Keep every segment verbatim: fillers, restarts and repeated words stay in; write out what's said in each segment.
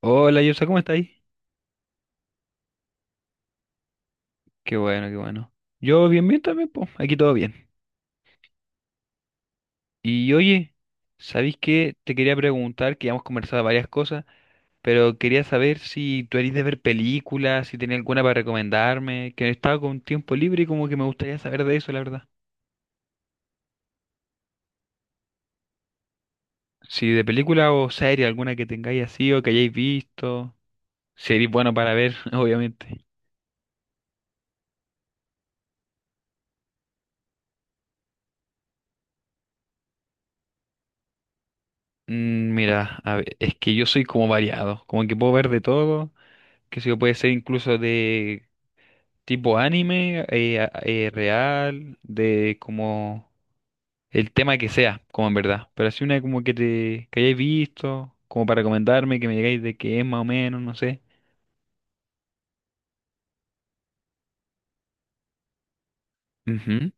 Hola, Yersa, ¿cómo estáis? Qué bueno, qué bueno. Yo bien, bien también, pues, aquí todo bien. Y oye, ¿sabéis qué? Te quería preguntar, que ya hemos conversado varias cosas, pero quería saber si tú eres de ver películas, si tenía alguna para recomendarme, que estaba con tiempo libre y como que me gustaría saber de eso, la verdad. Si de película o serie, alguna que tengáis así o que hayáis visto, si eres bueno para ver, obviamente. Mm, Mira, a ver, es que yo soy como variado, como que puedo ver de todo, que sé yo, puede ser incluso de tipo anime, eh, eh, real, de como el tema que sea, como en verdad. Pero así una como que te que hayáis visto, como para recomendarme, que me digáis de qué es más o menos, no sé. Ujú.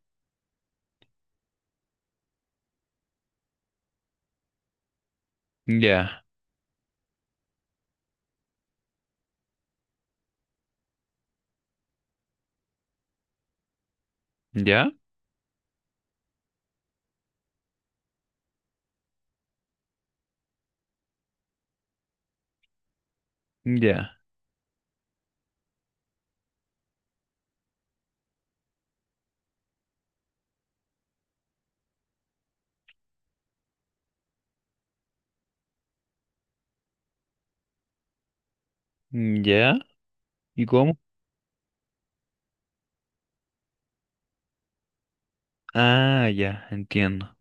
Ya, ya, ya, ya. ¿Y cómo? Ah, ya, entiendo.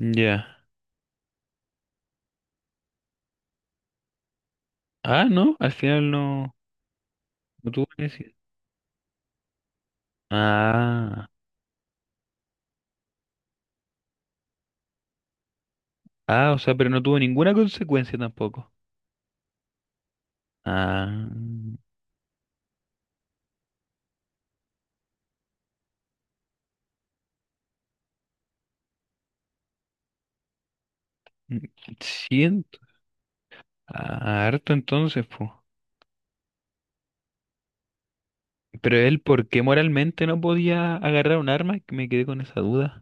Ya. Ah, no, al final no, no tuvo que. Ah, ah, o sea, pero no tuvo ninguna consecuencia tampoco. Ah, mm, siento. Ah, harto entonces, pues. Pero él, ¿por qué moralmente no podía agarrar un arma? Me quedé con esa duda.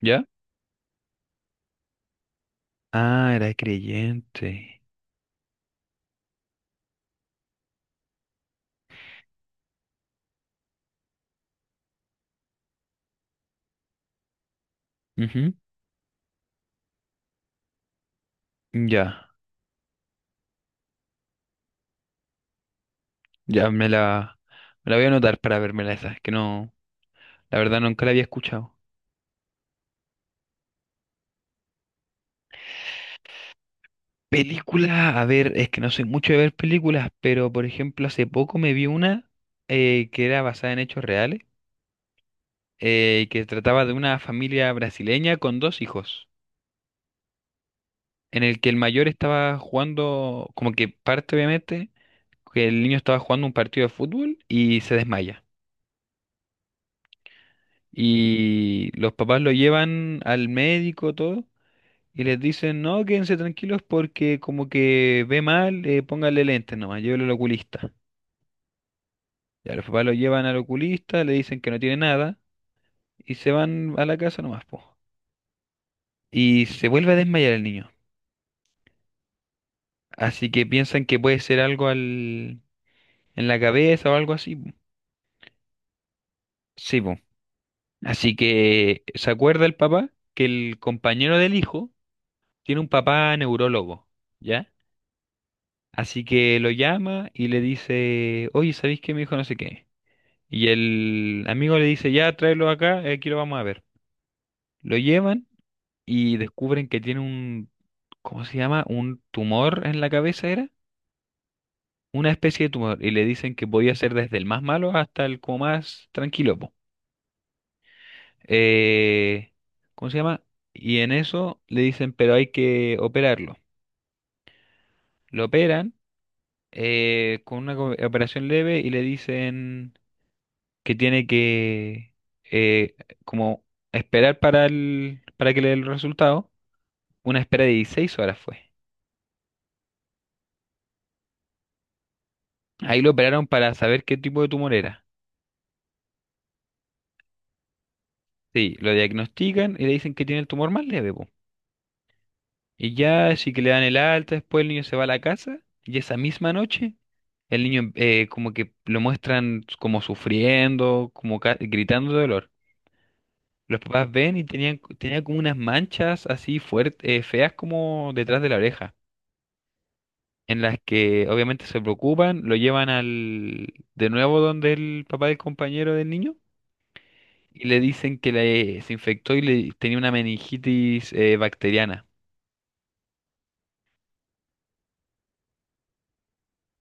¿Ya? Ah, era creyente. Ujú. Ya, ya me la, me la voy a anotar para vérmela esa. Es que no, la verdad nunca la había escuchado. Película, a ver, es que no soy mucho de ver películas, pero por ejemplo hace poco me vi una eh, que era basada en hechos reales, eh, que trataba de una familia brasileña con dos hijos. En el que el mayor estaba jugando, como que parte obviamente, que el niño estaba jugando un partido de fútbol y se desmaya. Y los papás lo llevan al médico, todo, y les dicen, no, quédense tranquilos porque como que ve mal, eh, póngale lentes nomás, llévelo al oculista. Ya los papás lo llevan al oculista, le dicen que no tiene nada, y se van a la casa nomás, po. Y se vuelve a desmayar el niño. Así que piensan que puede ser algo al... en la cabeza o algo así, po. Sí, po. Así que se acuerda el papá que el compañero del hijo tiene un papá neurólogo, ¿ya? Así que lo llama y le dice, oye, ¿sabéis que mi hijo no sé qué? Y el amigo le dice, ya, tráelo acá, eh, aquí lo vamos a ver. Lo llevan y descubren que tiene un, ¿cómo se llama? Un tumor en la cabeza, ¿era? Una especie de tumor. Y le dicen que podía ser desde el más malo hasta el como más tranquilo. Eh, ¿Cómo se llama? Y en eso le dicen, pero hay que operarlo. Lo operan eh, con una co- operación leve y le dicen que tiene que eh, como esperar para el, para que le den el resultado. Una espera de dieciséis horas fue. Ahí lo operaron para saber qué tipo de tumor era. Sí, lo diagnostican y le dicen que tiene el tumor más leve, po. Y ya, así que le dan el alta, después el niño se va a la casa y esa misma noche el niño eh, como que lo muestran como sufriendo, como ca- gritando de dolor. Los papás ven y tenían, tenía como unas manchas así fuertes, feas como detrás de la oreja, en las que obviamente se preocupan, lo llevan al de nuevo donde el papá del compañero del niño y le dicen que le, se infectó y le tenía una meningitis eh, bacteriana.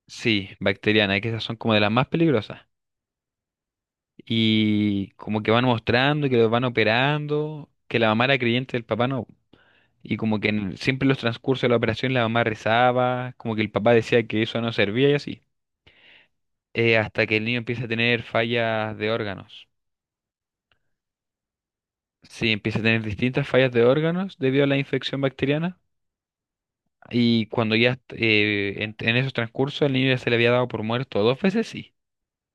Sí, bacteriana, que esas son como de las más peligrosas. Y como que van mostrando que los van operando, que la mamá era creyente del papá no. Y como que en- siempre en los transcurso de la operación la mamá rezaba, como que el papá decía que eso no servía y así. Eh, hasta que el niño empieza a tener fallas de órganos. Sí, empieza a tener distintas fallas de órganos debido a la infección bacteriana. Y cuando ya est- eh, en, en esos transcurso el niño ya se le había dado por muerto dos veces, sí.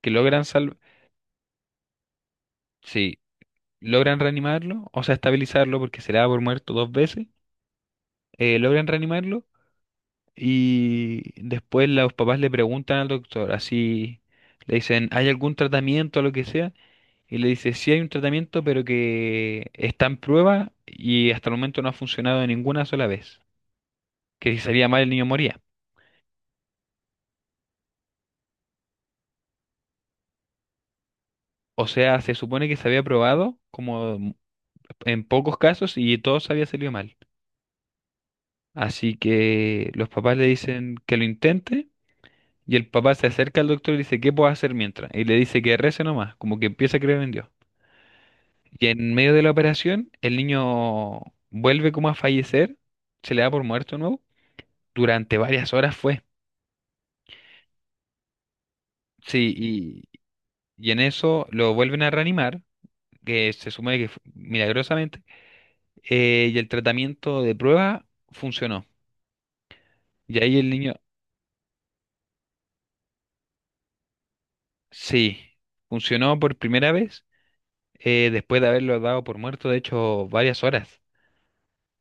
Que logran salv sí, logran reanimarlo, o sea, estabilizarlo porque se le da por muerto dos veces. Eh, logran reanimarlo. Y después los papás le preguntan al doctor, así le dicen, ¿hay algún tratamiento o lo que sea? Y le dice, sí hay un tratamiento, pero que está en prueba y hasta el momento no ha funcionado ninguna sola vez. Que si salía mal el niño moría. O sea, se supone que se había probado como en pocos casos y todos había salido mal. Así que los papás le dicen que lo intente y el papá se acerca al doctor y le dice, ¿qué puedo hacer mientras? Y le dice que rece nomás, como que empieza a creer en Dios. Y en medio de la operación, el niño vuelve como a fallecer, se le da por muerto de nuevo. Durante varias horas fue. Sí, y, y en eso lo vuelven a reanimar, que se supone que fu- milagrosamente, eh, y el tratamiento de prueba funcionó. Y ahí el niño, sí, funcionó por primera vez, eh, después de haberlo dado por muerto, de hecho, varias horas.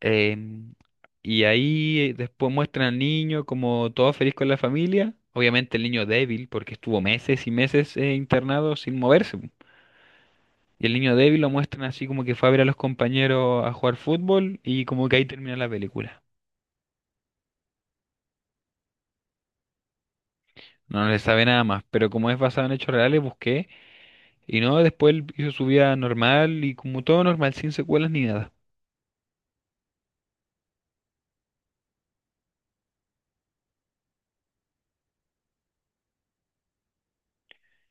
Em, y ahí eh, después muestran al niño como todo feliz con la familia. Obviamente el niño débil, porque estuvo meses y meses eh, internado sin moverse, po. Y el niño débil lo muestran así como que fue a ver a los compañeros a jugar fútbol y como que ahí termina la película. No, no le sabe nada más, pero como es basado en hechos reales, busqué. Y no, después él hizo su vida normal y como todo normal, sin secuelas ni nada.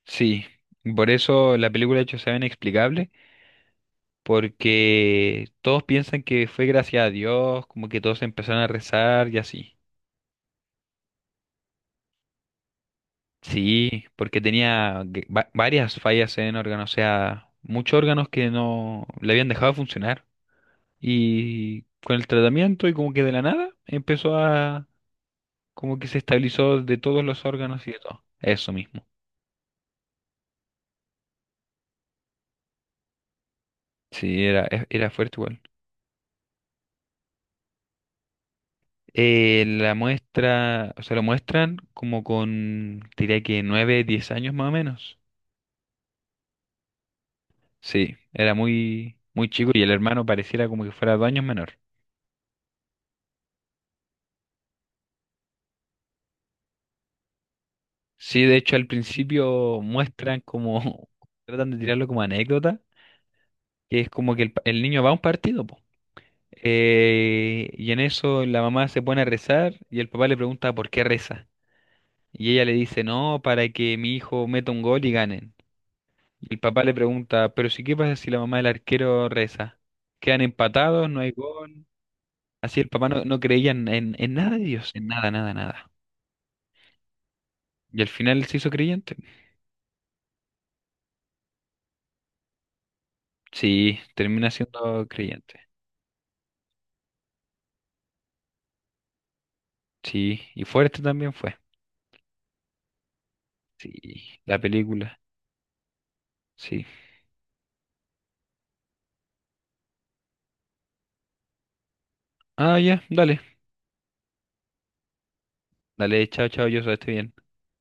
Sí, por eso la película de hecho se ve inexplicable, porque todos piensan que fue gracias a Dios, como que todos empezaron a rezar y así. Sí, porque tenía g- va- varias fallas en órgano, o sea, muchos órganos que no le habían dejado de funcionar. Y con el tratamiento y como que de la nada empezó a, como que se estabilizó de todos los órganos y de todo. Eso mismo. Sí, era, e- era fuerte igual. Eh, la muestra, o sea, lo muestran como con, diría que nueve, diez años más o menos. Sí, era muy, muy chico y el hermano pareciera como que fuera dos años menor. Sí, de hecho al principio muestran como, tratan de tirarlo como anécdota, que es como que el, pa- el niño va a un partido, po. Eh, y en eso la mamá se pone a rezar y el papá le pregunta por qué reza. Y ella le dice, no, para que mi hijo meta un gol y ganen. Y el papá le pregunta, pero si qué pasa si la mamá del arquero reza. Quedan empatados, no hay gol. Así el papá no, no creía en, en en nada de Dios, en nada, nada, nada. Y al final se hizo creyente. Sí, termina siendo creyente. Sí, y fuerte también fue. Sí, la película. Sí. Ah, ya, dale. Dale, chao, chao, yo estoy bien.